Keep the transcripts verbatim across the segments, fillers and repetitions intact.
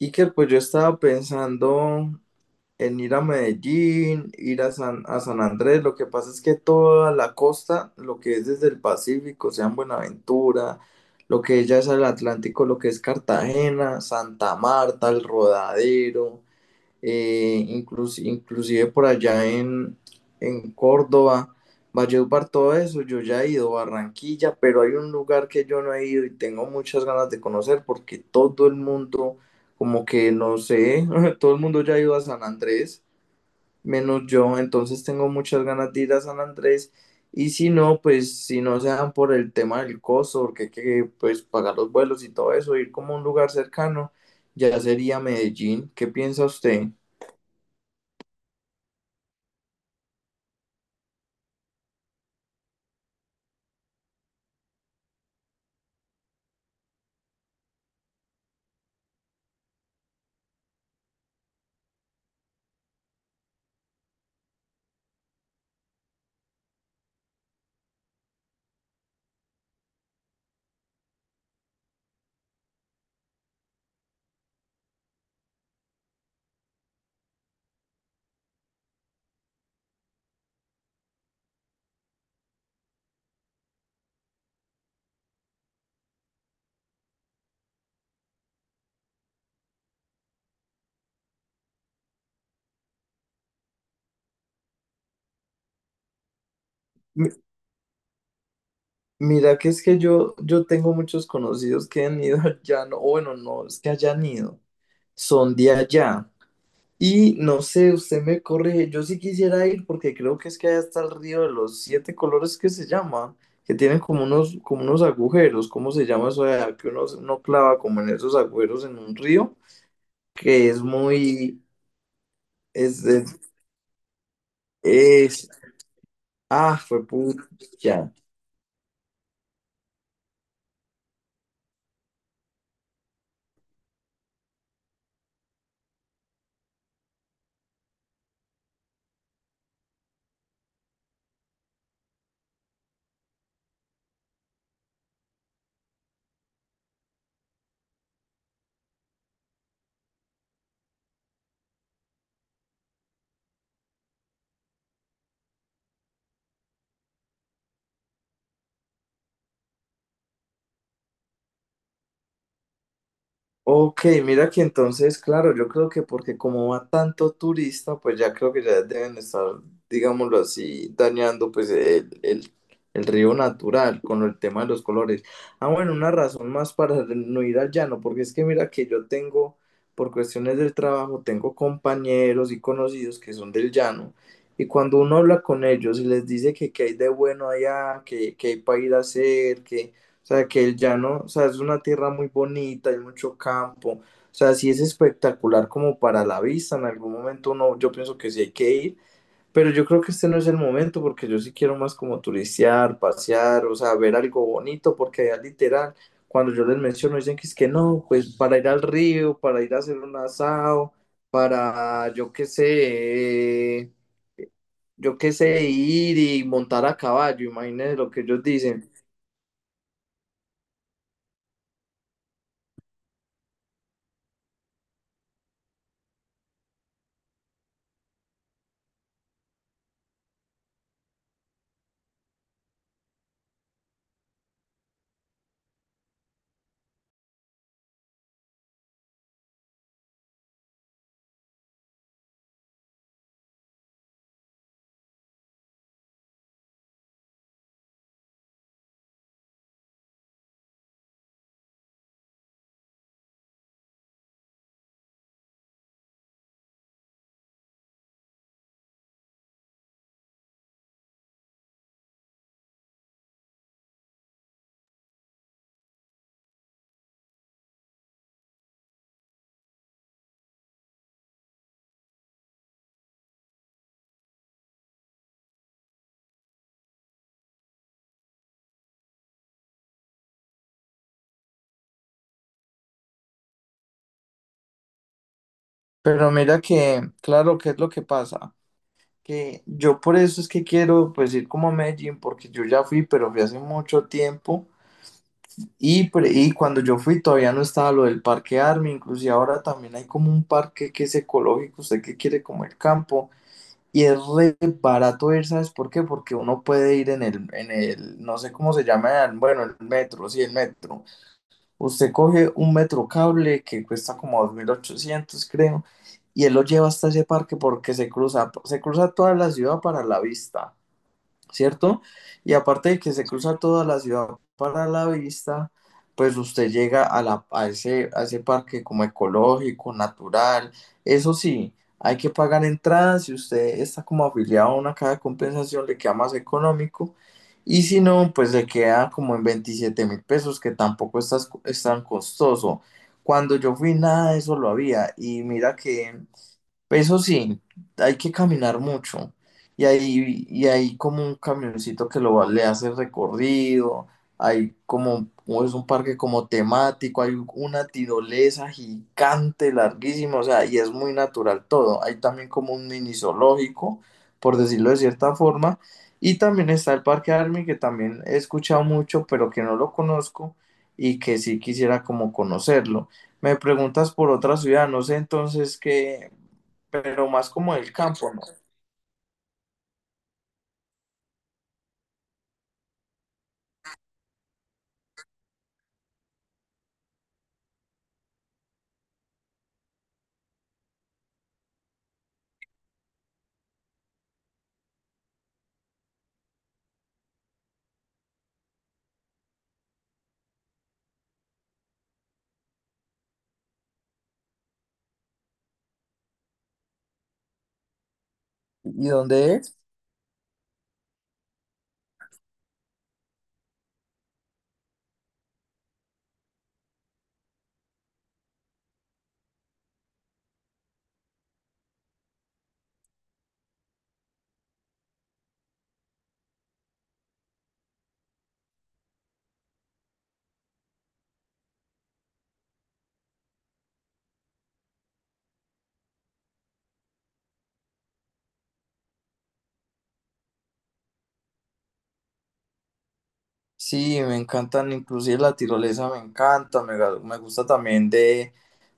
Iker, pues yo estaba pensando en ir a Medellín, ir a San, a San Andrés. Lo que pasa es que toda la costa, lo que es desde el Pacífico, sea en Buenaventura, lo que es ya es el Atlántico, lo que es Cartagena, Santa Marta, el Rodadero, eh, inclus- inclusive por allá en, en Córdoba, Valledupar, todo eso. Yo ya he ido a Barranquilla, pero hay un lugar que yo no he ido y tengo muchas ganas de conocer, porque todo el mundo, como que no sé, todo el mundo ya ha ido a San Andrés, menos yo. Entonces tengo muchas ganas de ir a San Andrés. Y si no, pues si no se dan por el tema del costo, porque hay que, pues, pagar los vuelos y todo eso, ir como a un lugar cercano, ya sería Medellín. ¿Qué piensa usted? Mira que es que yo, yo tengo muchos conocidos que han ido allá. No, o bueno, no es que hayan ido, son de allá. Y no sé, usted me corrige, yo sí quisiera ir porque creo que es que allá está el río de los siete colores, que se llama, que tienen como unos, como unos agujeros. ¿Cómo se llama eso de allá? Que uno, uno clava como en esos agujeros en un río, que es muy, es, es, es- ah, fue pucha. Ok, mira que entonces, claro, yo creo que porque como va tanto turista, pues ya creo que ya deben estar, digámoslo así, dañando pues el, el, el río natural con el tema de los colores. Ah, bueno, una razón más para no ir al llano, porque es que mira que yo tengo, por cuestiones del trabajo, tengo compañeros y conocidos que son del llano. Y cuando uno habla con ellos y les dice que qué hay de bueno allá, que qué hay para ir a hacer, que o sea, que el llano, o sea, es una tierra muy bonita, hay mucho campo. O sea, sí es espectacular como para la vista. En algún momento uno, yo pienso que sí hay que ir, pero yo creo que este no es el momento, porque yo sí quiero más como turistear, pasear, o sea, ver algo bonito. Porque allá literal, cuando yo les menciono, dicen que es que no, pues para ir al río, para ir a hacer un asado, para, yo qué sé, eh, yo qué sé, ir y montar a caballo. Imagínense lo que ellos dicen. Pero mira que, claro, ¿qué es lo que pasa? Que yo por eso es que quiero pues ir como a Medellín, porque yo ya fui, pero fui hace mucho tiempo. Y, pre- y cuando yo fui todavía no estaba lo del parque Army. Inclusive ahora también hay como un parque que es ecológico, usted que quiere como el campo, y es re barato ir. ¿Sabes por qué? Porque uno puede ir en el, en el, no sé cómo se llama, bueno, el metro, sí, el metro. Usted coge un metro cable que cuesta como dos mil ochocientos, creo, y él lo lleva hasta ese parque, porque se cruza, se cruza toda la ciudad para la vista, ¿cierto? Y aparte de que se cruza toda la ciudad para la vista, pues usted llega a, la, a, ese, a ese parque como ecológico, natural. Eso sí, hay que pagar entradas. Si usted está como afiliado a una caja de compensación, le queda más económico. Y si no, pues le queda como en veintisiete mil pesos, que tampoco es tas- es tan costoso. Cuando yo fui, nada de eso lo había. Y mira que eso sí, hay que caminar mucho. Y hay, y hay como un camioncito que lo va- le hace recorrido. Hay como, o es un parque como temático, hay una tirolesa gigante, larguísima, o sea, y es muy natural todo. Hay también como un mini zoológico, por decirlo de cierta forma. Y también está el Parque Army, que también he escuchado mucho, pero que no lo conozco y que sí quisiera como conocerlo. Me preguntas por otra ciudad, no sé entonces qué, pero más como del campo, ¿no? ¿Y dónde es? Sí, me encantan, inclusive la tirolesa me encanta, me, ga- me gusta también de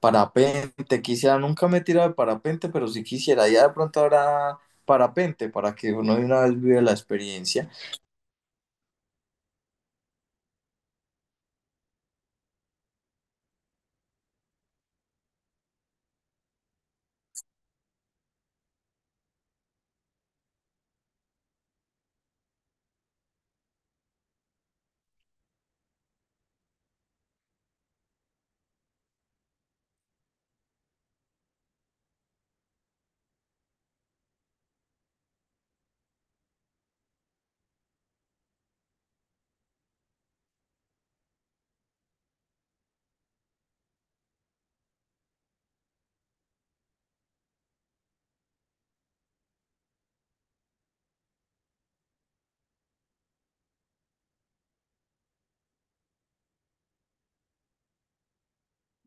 parapente. Quisiera, nunca me he tirado de parapente, pero sí quisiera, ya de pronto habrá parapente para que uno de una vez vive la experiencia.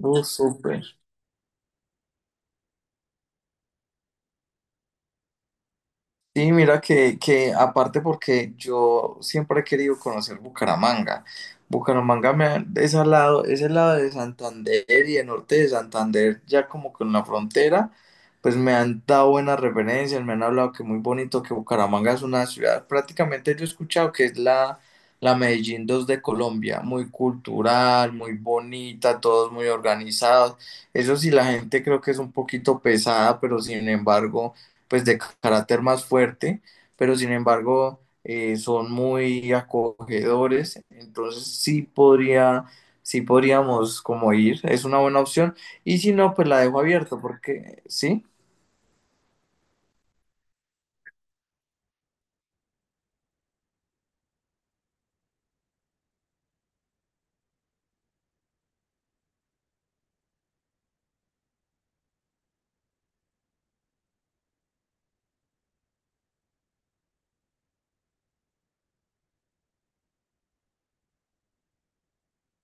Uh, súper. Sí, mira que, que aparte, porque yo siempre he querido conocer Bucaramanga. Bucaramanga me ha- es al lado, es el lado de Santander y el norte de Santander, ya como con la frontera. Pues me han dado buenas referencias, me han hablado que muy bonito, que Bucaramanga es una ciudad, prácticamente yo he escuchado que es la, la Medellín dos de Colombia, muy cultural, muy bonita, todos muy organizados. Eso sí, la gente creo que es un poquito pesada, pero sin embargo pues de carácter más fuerte. Pero sin embargo, eh, son muy acogedores. Entonces sí podría, sí podríamos como ir, es una buena opción. Y si no, pues la dejo abierta, porque sí.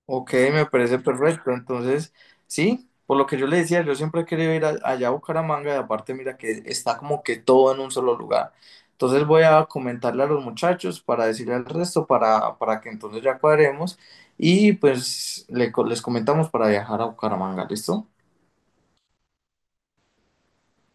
Ok, me parece perfecto. Entonces, sí, por lo que yo le decía, yo siempre he querido ir a- allá a Bucaramanga, y aparte mira que está como que todo en un solo lugar. Entonces voy a comentarle a los muchachos para decirle al resto, para, para que entonces ya cuadremos y pues le co- les comentamos para viajar a Bucaramanga, ¿listo?